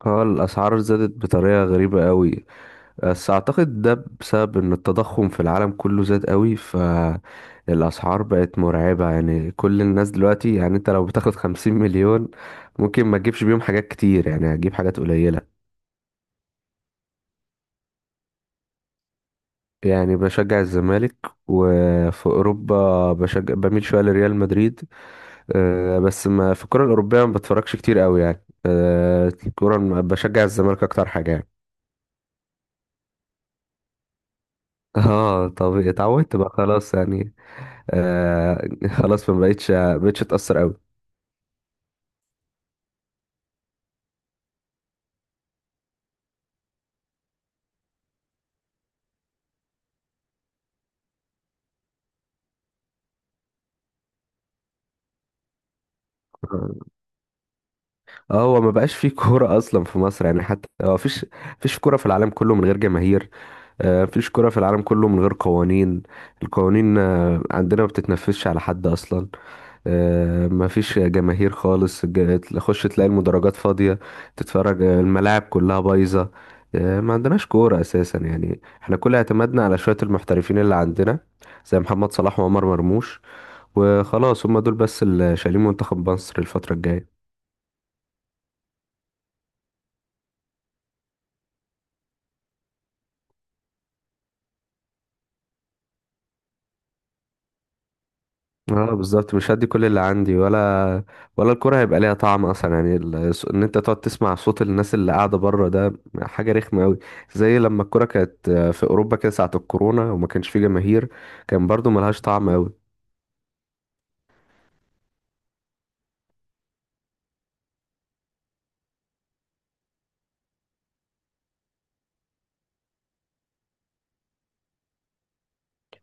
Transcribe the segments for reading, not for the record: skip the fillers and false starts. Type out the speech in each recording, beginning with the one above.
اه، الأسعار زادت بطريقة غريبة قوي. بس أعتقد ده بسبب إن التضخم في العالم كله زاد قوي، فالأسعار بقت مرعبة. يعني كل الناس دلوقتي، يعني أنت لو بتاخد 50 مليون ممكن ما تجيبش بيهم حاجات كتير، يعني هتجيب حاجات قليلة. يعني بشجع الزمالك، وفي أوروبا بشجع بميل شوية لريال مدريد. بس ما في الكرة الأوروبية ما بتفرجش كتير قوي يعني. الكرة بشجع الزمالك أكتر حاجة يعني. اه، طب اتعودت بقى خلاص يعني. آه خلاص، فما بقتش ما بقتش اتأثر قوي. اه، هو ما بقاش فيه كورة أصلا في مصر يعني. حتى هو فيش كورة في العالم كله من غير جماهير. مفيش كورة في العالم كله من غير قوانين. القوانين عندنا ما بتتنفذش على حد أصلا. مفيش جماهير خالص. تخش تلاقي المدرجات فاضية، تتفرج. الملاعب كلها بايظة. ما عندناش كورة أساسا يعني. احنا كل اعتمادنا على شوية المحترفين اللي عندنا زي محمد صلاح وعمر مرموش، وخلاص هما دول بس اللي شايلين منتخب مصر الفترة الجاية. اه بالظبط، مش هدي كل اللي عندي، ولا الكرة هيبقى ليها طعم اصلا يعني. ان انت تقعد تسمع صوت الناس اللي قاعدة بره ده حاجة رخمة قوي. زي لما الكرة كانت في اوروبا كده ساعة الكورونا وما كانش في جماهير، كان برضو ملهاش طعم قوي.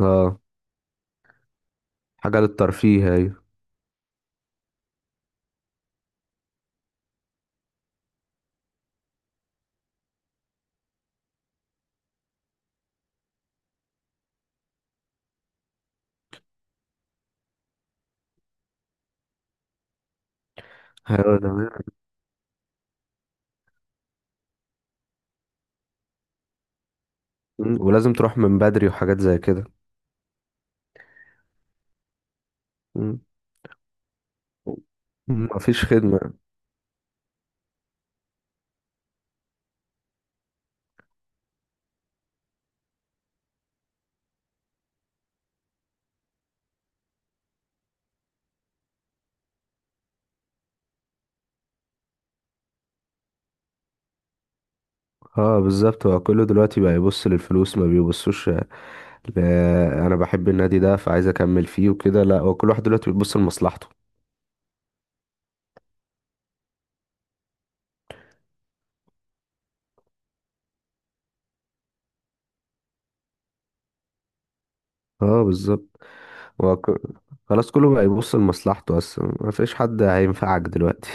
اه، حاجة للترفيه هي. ايوه تمام. مم. ولازم تروح من بدري وحاجات زي كده. مم. مم. مفيش خدمة. اه بالظبط، هو كله دلوقتي بقى يبص للفلوس، ما بيبصوش لا، انا بحب النادي ده فعايز اكمل فيه وكده. لا، هو كل واحد دلوقتي بيبص لمصلحته. اه بالظبط. هو ك- خلاص كله بقى يبص لمصلحته اصلا، ما فيش حد هينفعك دلوقتي.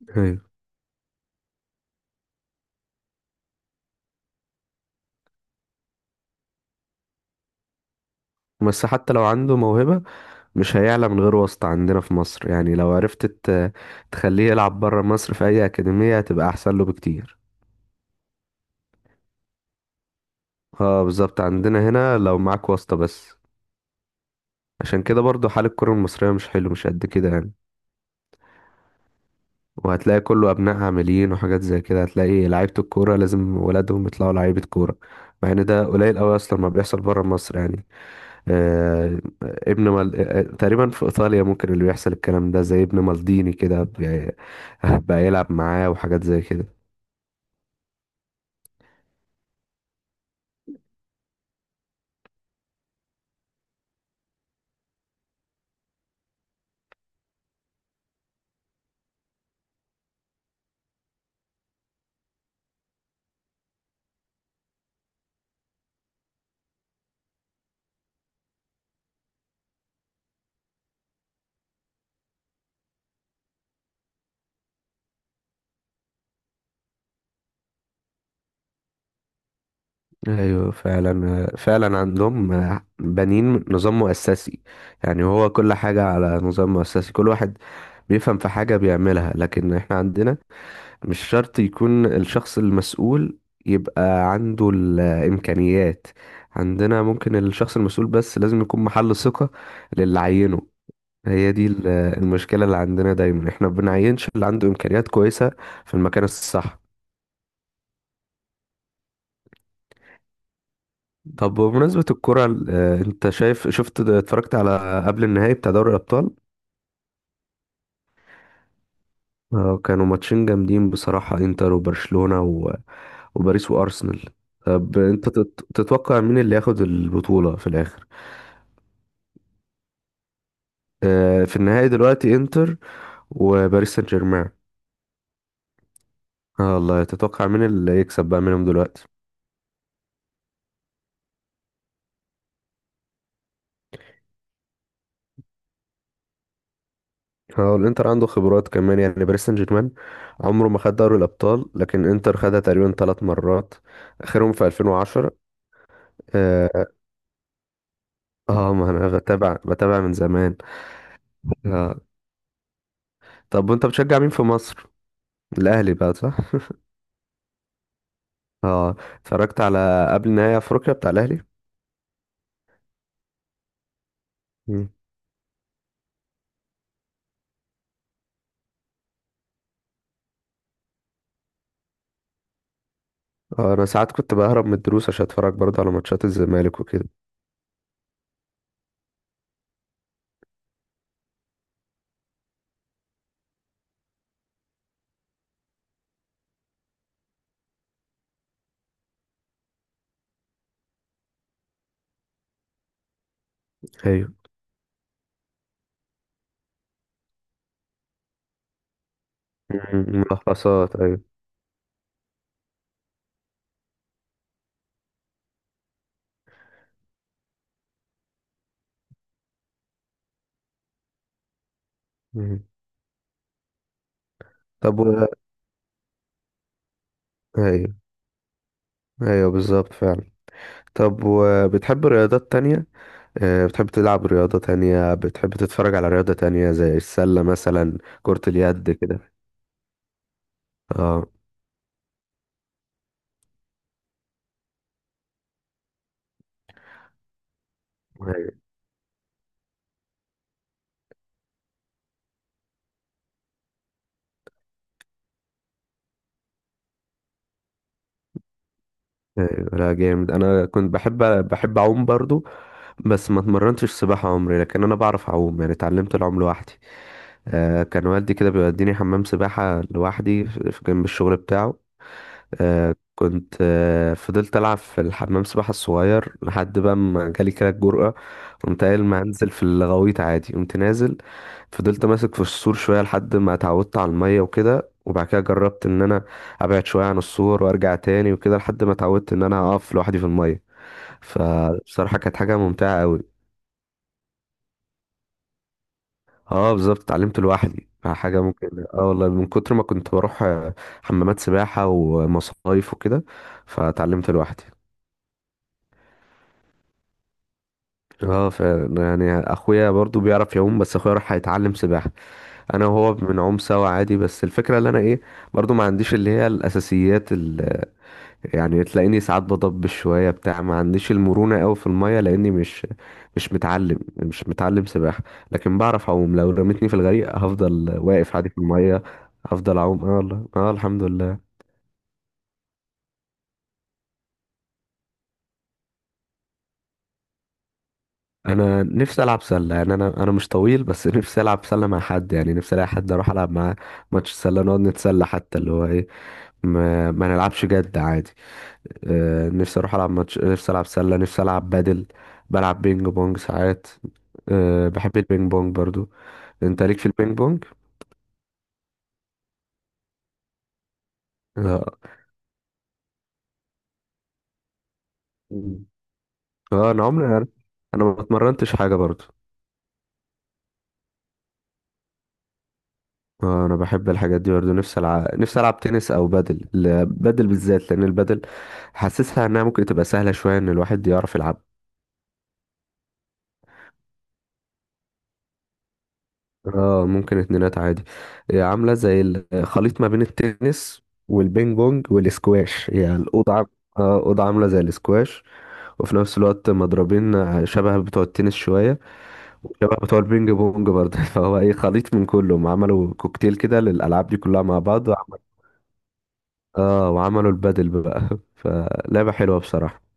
ايوه. بس حتى لو عنده موهبة، مش هيعلى من غير واسطة عندنا في مصر يعني. لو عرفت تخليه يلعب بره مصر في اي اكاديمية هتبقى احسن له بكتير. اه بالظبط، عندنا هنا لو معاك واسطة بس. عشان كده برضو حال الكرة المصرية مش حلو، مش قد كده يعني. وهتلاقي كله أبنائها عاملين وحاجات زي كده. هتلاقي لعيبة الكورة لازم ولادهم يطلعوا لعيبة كورة، مع إن ده قليل أوي أصلا ما بيحصل برا مصر يعني. آه ابن مال... آه، آه، تقريبا في إيطاليا ممكن اللي بيحصل الكلام ده زي ابن مالديني كده، بقى يلعب معاه وحاجات زي كده. ايوه فعلا فعلا، عندهم بنين نظام مؤسسي. يعني هو كل حاجة على نظام مؤسسي، كل واحد بيفهم في حاجة بيعملها. لكن احنا عندنا مش شرط يكون الشخص المسؤول يبقى عنده الإمكانيات. عندنا ممكن الشخص المسؤول بس لازم يكون محل ثقة للي عينه. هي دي المشكلة اللي عندنا دايما، احنا بنعينش اللي عنده إمكانيات كويسة في المكان الصح. طب بمناسبة الكرة انت شايف، شفت اتفرجت على قبل النهائي بتاع دوري الأبطال؟ كانوا ماتشين جامدين بصراحة، انتر وبرشلونة وباريس وأرسنال. طب انت تتوقع مين اللي ياخد البطولة في الآخر؟ في النهائي دلوقتي انتر وباريس سان جيرمان. اه والله، تتوقع مين اللي يكسب بقى منهم دلوقتي؟ اه، الانتر عنده خبرات كمان يعني. باريس سان جيرمان عمره ما خد دوري الابطال، لكن انتر خدها تقريبا 3 مرات، اخرهم في 2010. اه، ما انا بتابع بتابع من زمان. آه. طب وانت بتشجع مين في مصر؟ الاهلي بقى، صح؟ اه، اتفرجت على قبل نهائي افريقيا بتاع الاهلي. مم. اه، انا ساعات كنت بهرب من الدروس عشان اتفرج برضه على ماتشات الزمالك وكده. ايوه. مم. ملخصات، ايوه. مم. طب و... ايوه. ايوه بالظبط فعلا. طب وبتحب رياضات تانية؟ بتحب تلعب رياضة تانية، بتحب تتفرج على رياضة تانية زي السلة مثلا، كرة اليد كده؟ اه. ايوه. ايوه لا جامد، انا كنت بحب، بحب اعوم برضو. بس ما اتمرنتش سباحة عمري، لكن انا بعرف اعوم يعني، اتعلمت العوم لوحدي. كان والدي كده بيوديني حمام سباحة لوحدي في جنب الشغل بتاعه. آه كنت آه، فضلت ألعب في الحمام سباحة الصغير لحد بقى ما جالي كده الجرأة. قمت قايل ما أنزل في الغويط عادي، قمت نازل. فضلت ماسك في السور شوية لحد ما اتعودت على المية وكده، وبعد كده جربت إن أنا أبعد شوية عن السور وأرجع تاني وكده لحد ما اتعودت إن أنا أقف لوحدي في المية. فبصراحة كانت حاجة ممتعة أوي. اه بالظبط، اتعلمت لوحدي يعني. حاجة ممكن، اه والله، من كتر ما كنت بروح حمامات سباحة ومصايف وكده، فاتعلمت لوحدي. اه فعلا يعني، اخويا برضو بيعرف يعوم بس اخويا راح هيتعلم سباحه. انا وهو بنعوم سوا عادي، بس الفكره اللي انا ايه، برضو ما عنديش اللي هي الاساسيات اللي يعني تلاقيني ساعات بضبش شويه بتاع. ما عنديش المرونه قوي في الميه لاني مش متعلم سباحه. لكن بعرف اعوم، لو رميتني في الغريق هفضل واقف عادي في الميه، هفضل اعوم. اه والله، اه الحمد لله. انا نفسي العب سله يعني. انا مش طويل بس نفسي العب سله مع حد يعني. نفسي الاقي حد اروح العب معاه ماتش سله نقعد نتسلى، حتى اللي هو ايه، ما نلعبش جد عادي. نفسي اروح العب ماتش، نفسي العب سله، نفسي العب بدل. بلعب بينج بونج ساعات. بحب البينج بونج برضو. انت ليك في البينج بونج؟ اه. مم. انا عمري، انا ما اتمرنتش حاجه برضو. انا بحب الحاجات دي برضه. نفسي العب، نفسي العب تنس او بادل. بادل بالذات لان البادل حاسسها انها ممكن تبقى سهله شويه ان الواحد يعرف يلعب. اه ممكن اتنينات عادي. هي عامله زي الخليط ما بين التنس والبينج بونج والاسكواش. هي الاوضه اوضه عامله زي الاسكواش، وفي نفس الوقت مضربين شبه بتوع التنس شويه، وشبه بتوع البينج بونج برضه فهو ايه، خليط من كلهم، عملوا كوكتيل كده للالعاب دي كلها مع بعض. اه وعملوا البادل بقى فلعبة حلوة بصراحة.